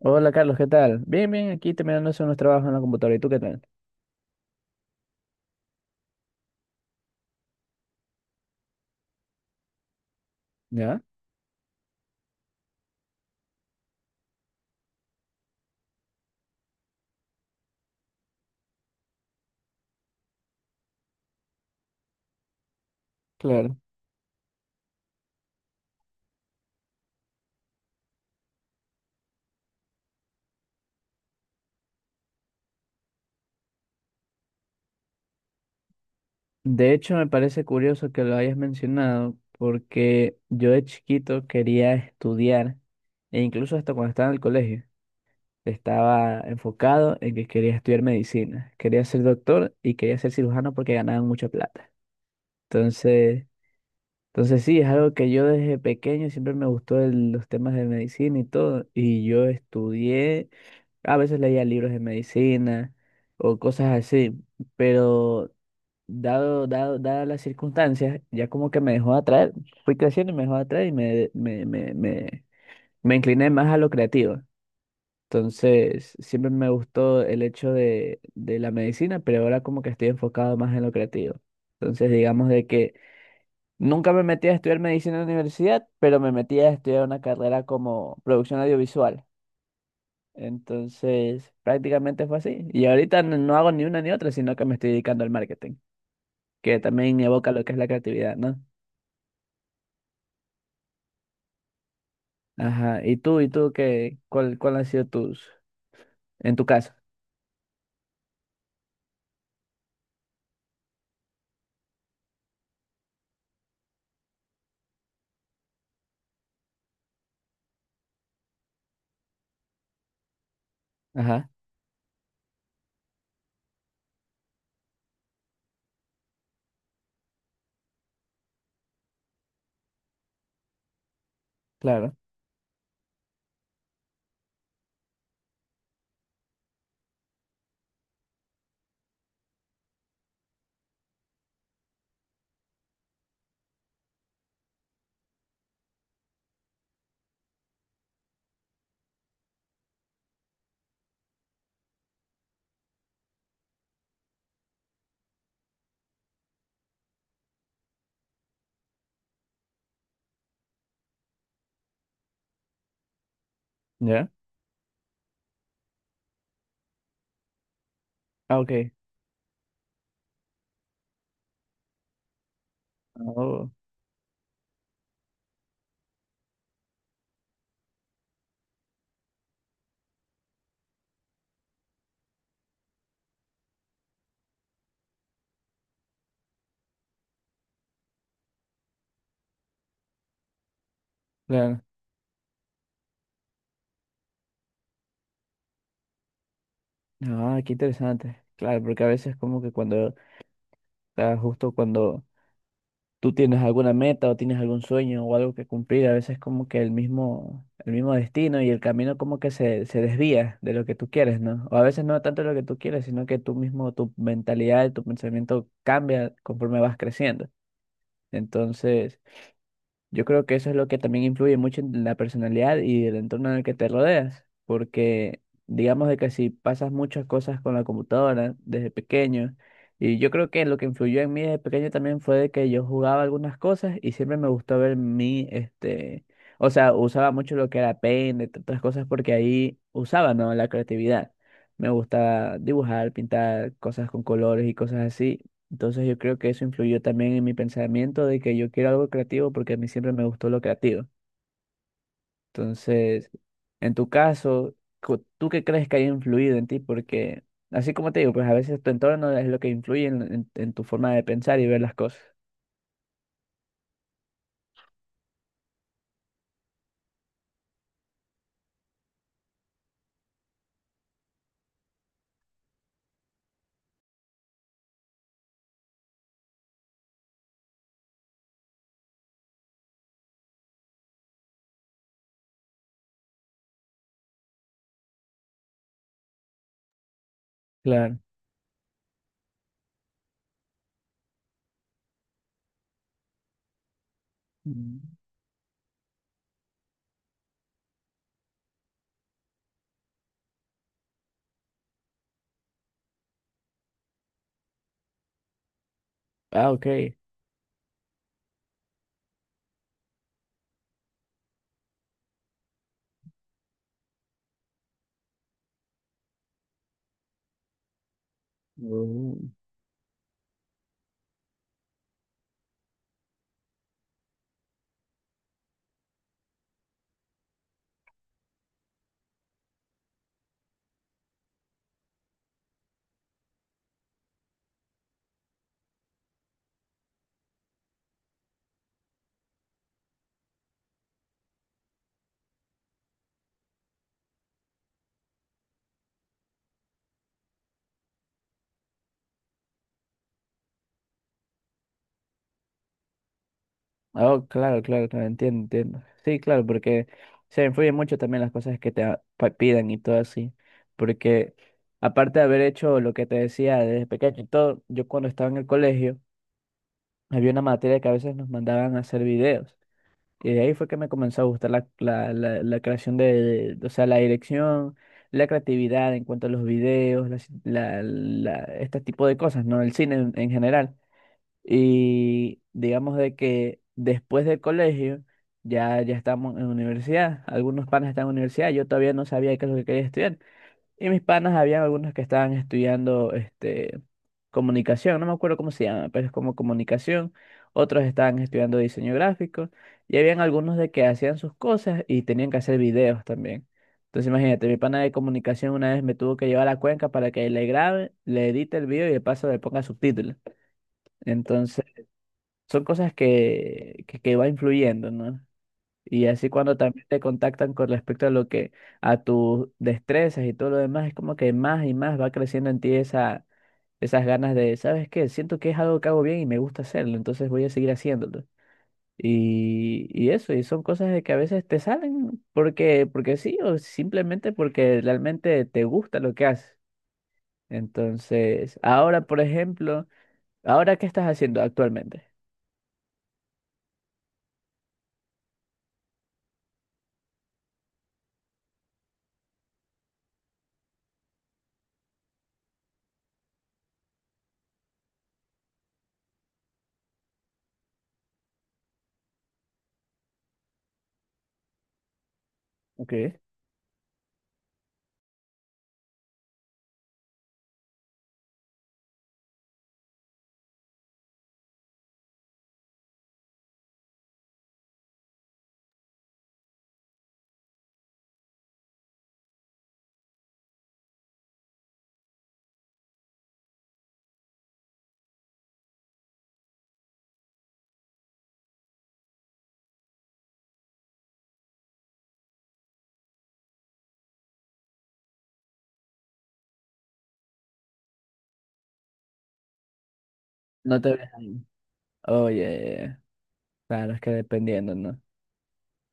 Hola Carlos, ¿qué tal? Bien, bien, aquí terminando de hacer unos trabajos en la computadora. ¿Y tú qué tal? ¿Ya? Claro. De hecho, me parece curioso que lo hayas mencionado porque yo de chiquito quería estudiar e incluso hasta cuando estaba en el colegio estaba enfocado en que quería estudiar medicina. Quería ser doctor y quería ser cirujano porque ganaban mucha plata. Entonces, entonces, sí, es algo que yo desde pequeño siempre me gustó los temas de medicina y todo. Y yo estudié. A veces leía libros de medicina o cosas así, pero dadas las circunstancias, ya como que me dejó de atraer, fui creciendo y me dejó de atraer y me incliné más a lo creativo. Entonces, siempre me gustó el hecho de la medicina, pero ahora como que estoy enfocado más en lo creativo. Entonces, digamos de que nunca me metí a estudiar medicina en la universidad, pero me metí a estudiar una carrera como producción audiovisual. Entonces, prácticamente fue así. Y ahorita no hago ni una ni otra, sino que me estoy dedicando al marketing, que también evoca lo que es la creatividad, ¿no? Ajá. ¿Y tú qué, cuál han sido tus, en tu caso? Ajá, claro. ¿Ya? Ah, ok. Oh, claro. Ah, qué interesante. Claro, porque a veces como que cuando, ah, justo cuando, ¿tú tienes alguna meta o tienes algún sueño o algo que cumplir? A veces como que el mismo destino y el camino como que se desvía de lo que tú quieres, ¿no? O a veces no tanto lo que tú quieres, sino que tú mismo, tu mentalidad, tu pensamiento cambia conforme vas creciendo. Entonces, yo creo que eso es lo que también influye mucho en la personalidad y el entorno en el que te rodeas, porque digamos de que si pasas muchas cosas con la computadora desde pequeño, y yo creo que lo que influyó en mí desde pequeño también fue de que yo jugaba algunas cosas y siempre me gustó ver mi, este, o sea, usaba mucho lo que era Paint, entre otras cosas, porque ahí usaba, ¿no? La creatividad. Me gustaba dibujar, pintar cosas con colores y cosas así. Entonces yo creo que eso influyó también en mi pensamiento de que yo quiero algo creativo porque a mí siempre me gustó lo creativo. Entonces, en tu caso, ¿tú qué crees que haya influido en ti? Porque, así como te digo, pues a veces tu entorno es lo que influye en tu forma de pensar y ver las cosas. Claro. Mm. Ah, ok. Oh, claro, claro, claro, entiendo, entiendo. Sí, claro, porque se influyen mucho también las cosas que te pidan y todo así. Porque aparte de haber hecho lo que te decía desde pequeño y todo, yo cuando estaba en el colegio había una materia que a veces nos mandaban a hacer videos. Y de ahí fue que me comenzó a gustar la creación de, o sea, la dirección, la creatividad en cuanto a los videos, este tipo de cosas, ¿no? El cine en general. Y digamos de que después del colegio ya, ya estamos en universidad. Algunos panas están en universidad, yo todavía no sabía qué es lo que quería estudiar. Y mis panas, había algunos que estaban estudiando este, comunicación, no me acuerdo cómo se llama, pero es como comunicación. Otros estaban estudiando diseño gráfico. Y habían algunos de que hacían sus cosas y tenían que hacer videos también. Entonces imagínate, mi pana de comunicación una vez me tuvo que llevar a Cuenca para que le grabe, le edite el video y de paso le ponga subtítulos. Son cosas que, que va influyendo, ¿no? Y así cuando también te contactan con respecto a lo que, a tus destrezas y todo lo demás, es como que más y más va creciendo en ti esa, esas ganas de, ¿sabes qué? Siento que es algo que hago bien y me gusta hacerlo, entonces voy a seguir haciéndolo. Y eso, y son cosas de que a veces te salen porque sí, o simplemente porque realmente te gusta lo que haces. Entonces, ahora, por ejemplo, ¿ahora qué estás haciendo actualmente? Ok. No te ves. Oye, claro, es que dependiendo, ¿no?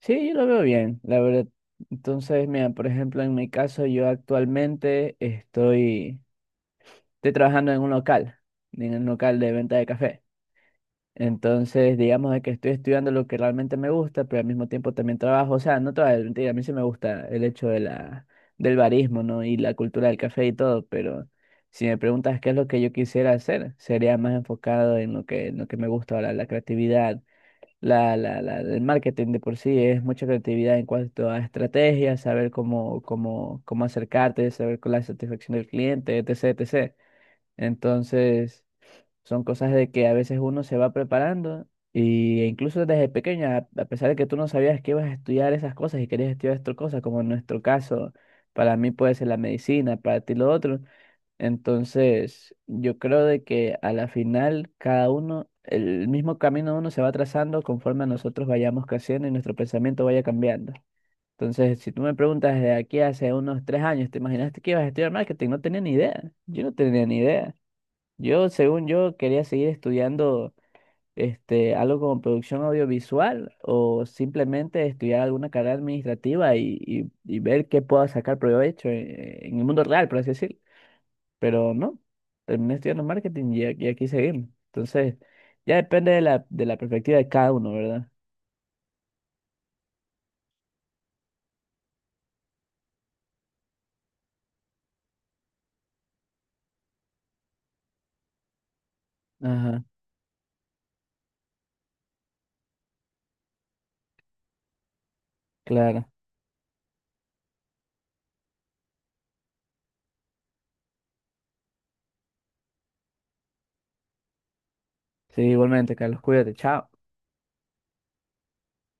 Sí, yo lo veo bien, la verdad. Entonces, mira, por ejemplo, en mi caso, yo actualmente estoy trabajando en un local de venta de café. Entonces, digamos de que estoy estudiando lo que realmente me gusta, pero al mismo tiempo también trabajo. O sea, no toda la mentira, a mí sí me gusta el hecho de la, del barismo, ¿no? Y la cultura del café y todo, pero si me preguntas qué es lo que yo quisiera hacer, sería más enfocado en lo que, me gusta ahora, la creatividad. El marketing de por sí es mucha creatividad en cuanto a estrategias, saber cómo acercarte, saber con la satisfacción del cliente, etc., etc. Entonces, son cosas de que a veces uno se va preparando e incluso desde pequeña, a pesar de que tú no sabías que ibas a estudiar esas cosas y querías estudiar otras cosas, como en nuestro caso, para mí puede ser la medicina, para ti lo otro. Entonces, yo creo de que a la final cada uno, el mismo camino uno se va trazando conforme a nosotros vayamos creciendo y nuestro pensamiento vaya cambiando. Entonces, si tú me preguntas desde aquí hace unos 3 años, ¿te imaginaste que ibas a estudiar marketing? No tenía ni idea. Yo no tenía ni idea. Yo, según yo, quería seguir estudiando este, algo como producción audiovisual o simplemente estudiar alguna carrera administrativa y ver qué puedo sacar provecho en el mundo real, por así decirlo. Pero no, terminé estudiando marketing y aquí seguimos. Entonces, ya depende de la perspectiva de cada uno, ¿verdad? Ajá, claro. Sí, igualmente, Carlos, cuídate, chao.